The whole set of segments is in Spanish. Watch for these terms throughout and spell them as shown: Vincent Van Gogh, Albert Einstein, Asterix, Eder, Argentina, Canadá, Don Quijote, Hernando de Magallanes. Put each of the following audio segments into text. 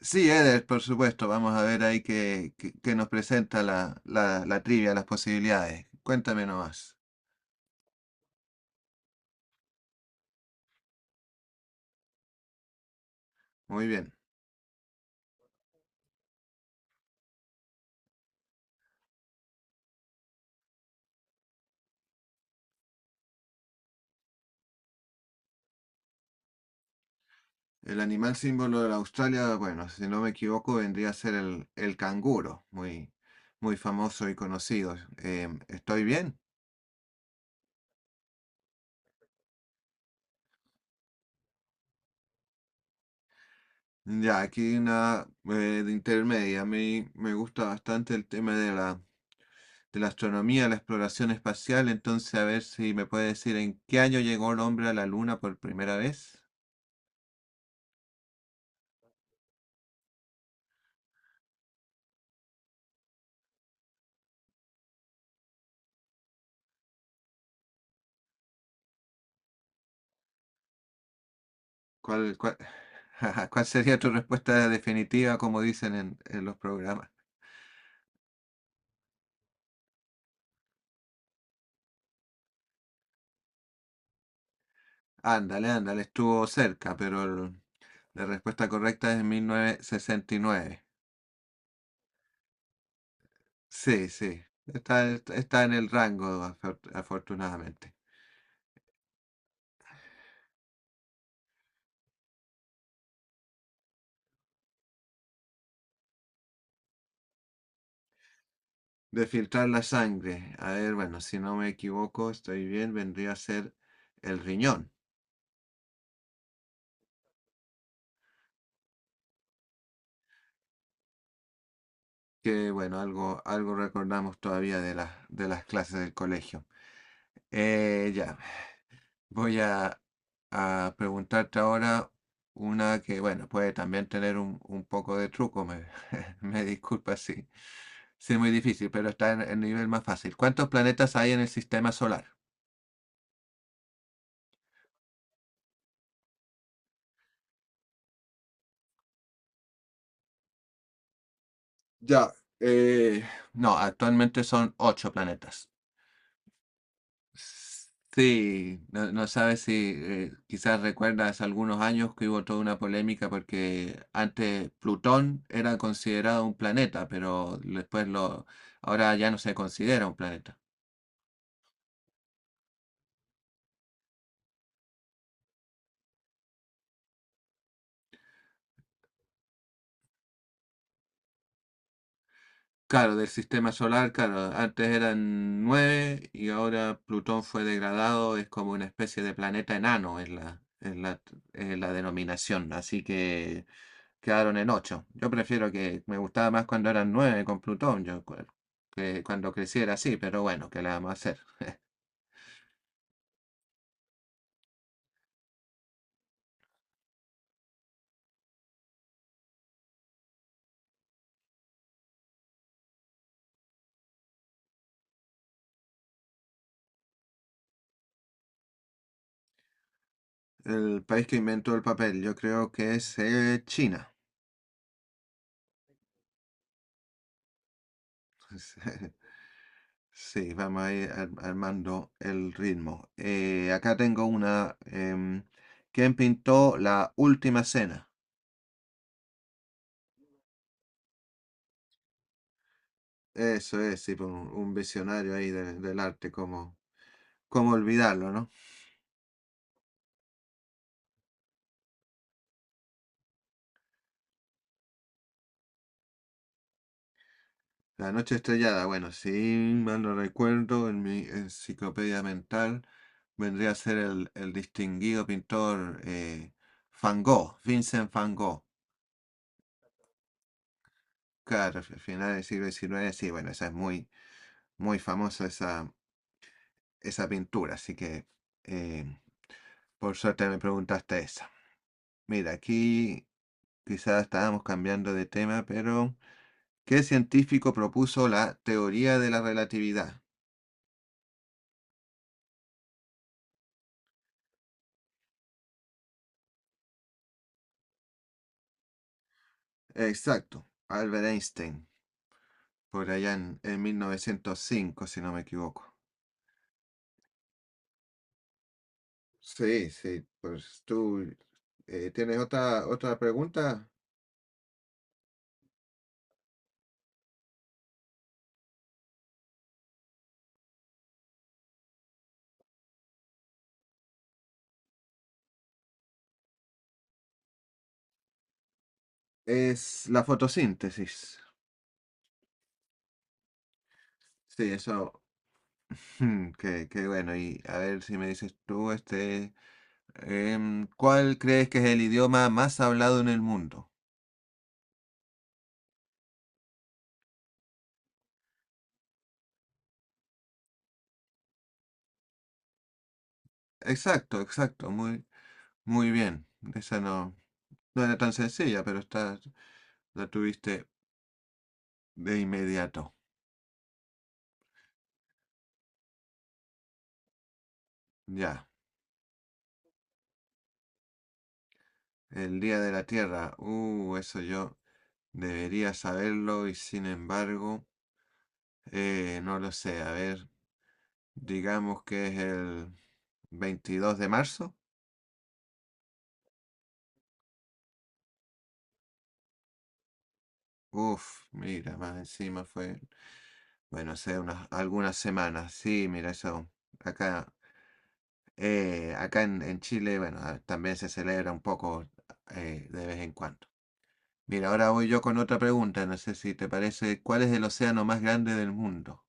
Sí, Eder, por supuesto. Vamos a ver ahí qué nos presenta la trivia, las posibilidades. Cuéntame nomás. Muy bien. El animal símbolo de la Australia, bueno, si no me equivoco, vendría a ser el canguro, muy famoso y conocido. ¿Estoy bien? Ya, aquí una de intermedia. A mí me gusta bastante el tema de de la astronomía, la exploración espacial. Entonces, a ver si me puede decir en qué año llegó el hombre a la luna por primera vez. ¿Cuál, cuál, cuál sería tu respuesta definitiva, como dicen en los programas? Ándale, ándale, estuvo cerca, pero la respuesta correcta es 1969. Sí, sí, está, está en el rango, afortunadamente. De filtrar la sangre. A ver, bueno, si no me equivoco, estoy bien, vendría a ser el riñón, que bueno, algo recordamos todavía de de las clases del colegio. Eh, ya. Voy a preguntarte ahora una que, bueno, puede también tener un poco de truco, me disculpa si, si es muy difícil, pero está en el nivel más fácil. ¿Cuántos planetas hay en el sistema solar? Ya, eh, No, actualmente son ocho planetas. Sí, no, no sabes si quizás recuerdas algunos años que hubo toda una polémica porque antes Plutón era considerado un planeta, pero después ahora ya no se considera un planeta. Claro, del sistema solar, claro, antes eran nueve y ahora Plutón fue degradado, es como una especie de planeta enano en en la denominación, así que quedaron en ocho. Yo prefiero que me gustaba más cuando eran nueve con Plutón, que cuando creciera así, pero bueno, ¿qué le vamos a hacer? El país que inventó el papel, yo creo que es China. Sí, vamos a ir armando el ritmo. Acá tengo una. ¿Quién pintó la última cena? Eso es, sí, pues, un visionario ahí del arte, como, cómo olvidarlo, ¿no? La noche estrellada, bueno, si mal no recuerdo, en mi enciclopedia mental vendría a ser el distinguido pintor Van Gogh, Vincent Van Gogh. Claro, a finales del siglo XIX, sí, bueno, esa es muy famosa esa pintura. Así que, eh, por suerte me preguntaste esa. Mira, aquí quizás estábamos cambiando de tema, pero ¿qué científico propuso la teoría de la relatividad? Exacto, Albert Einstein, por allá en 1905, si no me equivoco. Sí, sí, pues tú tienes otra pregunta. Es la fotosíntesis. Sí, eso. hmm, qué, qué bueno. Y a ver si me dices tú, ¿cuál crees que es el idioma más hablado en el mundo? Exacto, exacto, muy bien. Esa no, no era tan sencilla, pero está, la tuviste de inmediato. Ya, el Día de la Tierra. Eso yo debería saberlo y sin embargo, no lo sé. A ver, digamos que es el 22 de marzo. Uf, mira, más encima fue, bueno, hace unas, algunas semanas. Sí, mira, eso acá. Acá en Chile, bueno, ah, también se celebra un poco de vez en cuando. Mira, ahora voy yo con otra pregunta, no sé si te parece, ¿cuál es el océano más grande del mundo?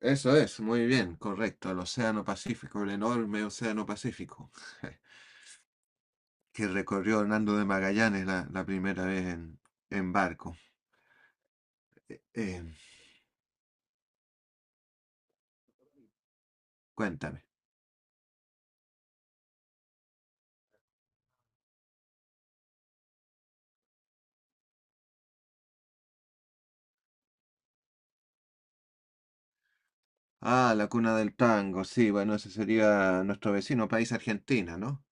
Eso es, muy bien, correcto, el Océano Pacífico, el enorme Océano Pacífico, que recorrió Hernando de Magallanes la primera vez en barco. Eh, cuéntame. Ah, la cuna del tango, sí, bueno, ese sería nuestro vecino país, Argentina, ¿no?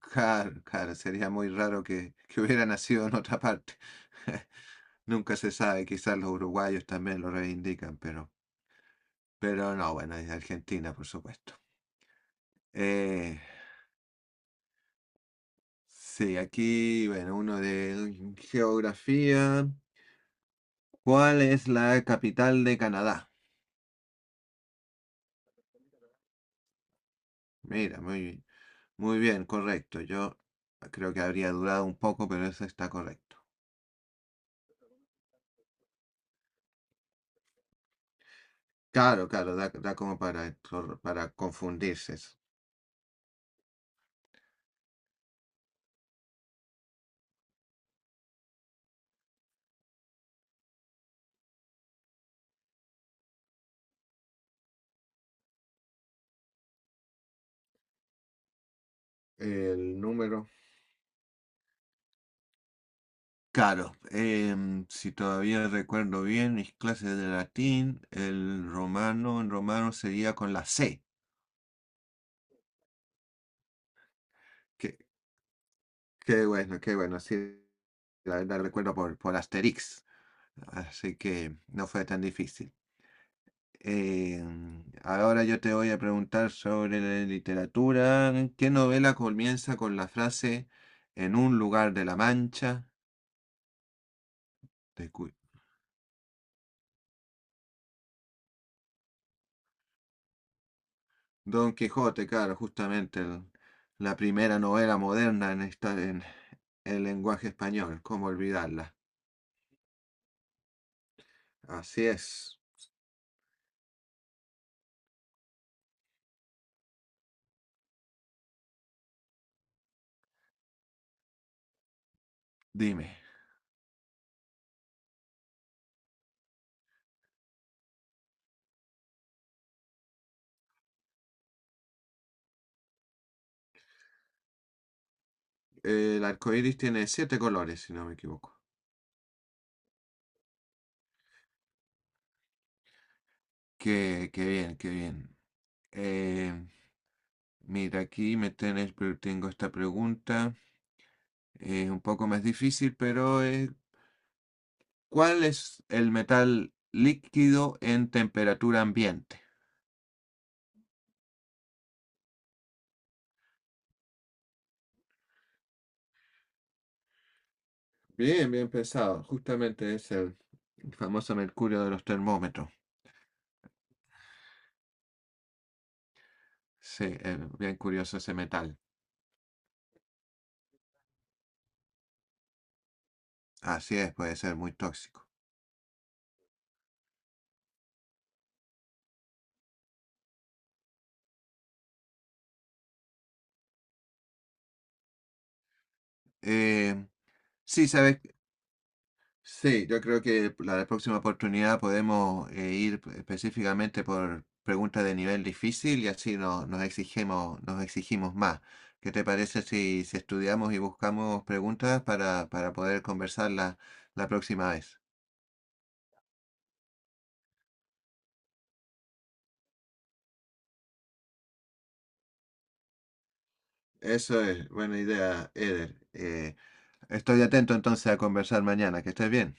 Claro, claro, sería muy raro que, que hubiera nacido en otra parte. Nunca se sabe, quizás los uruguayos también lo reivindican, pero no, bueno, es de Argentina, por supuesto. Eh, sí, aquí, bueno, uno de geografía. ¿Cuál es la capital de Canadá? Mira, muy bien, correcto. Yo creo que habría durado un poco, pero eso está correcto. Claro, claro, da como para confundirse. Eso. El número Claro, si todavía recuerdo bien mis clases de latín, el romano, en romano sería con la C. Qué, qué bueno, sí, la verdad recuerdo por Asterix, así que no fue tan difícil. Em, ahora yo te voy a preguntar sobre la literatura. ¿Qué novela comienza con la frase en un lugar de la Mancha? Don Quijote, claro, justamente la primera novela moderna en estar en el lenguaje español, ¿cómo olvidarla? Así es. Dime, el arco iris tiene siete colores, si no me equivoco. Qué, qué bien, qué bien. Eh, mira, aquí me tenés, pero tengo esta pregunta. Es un poco más difícil, pero ¿cuál es el metal líquido en temperatura ambiente? Bien, bien pesado. Justamente es el famoso mercurio de los termómetros. Sí, es bien curioso ese metal. Así es, puede ser muy tóxico. Eh, sí, sabes, sí, yo creo que la próxima oportunidad podemos ir específicamente por preguntas de nivel difícil y así nos exigimos más. ¿Qué te parece si, si estudiamos y buscamos preguntas para poder conversarlas la próxima vez? Eso es, buena idea, Eder. Estoy atento entonces a conversar mañana. Que estés bien.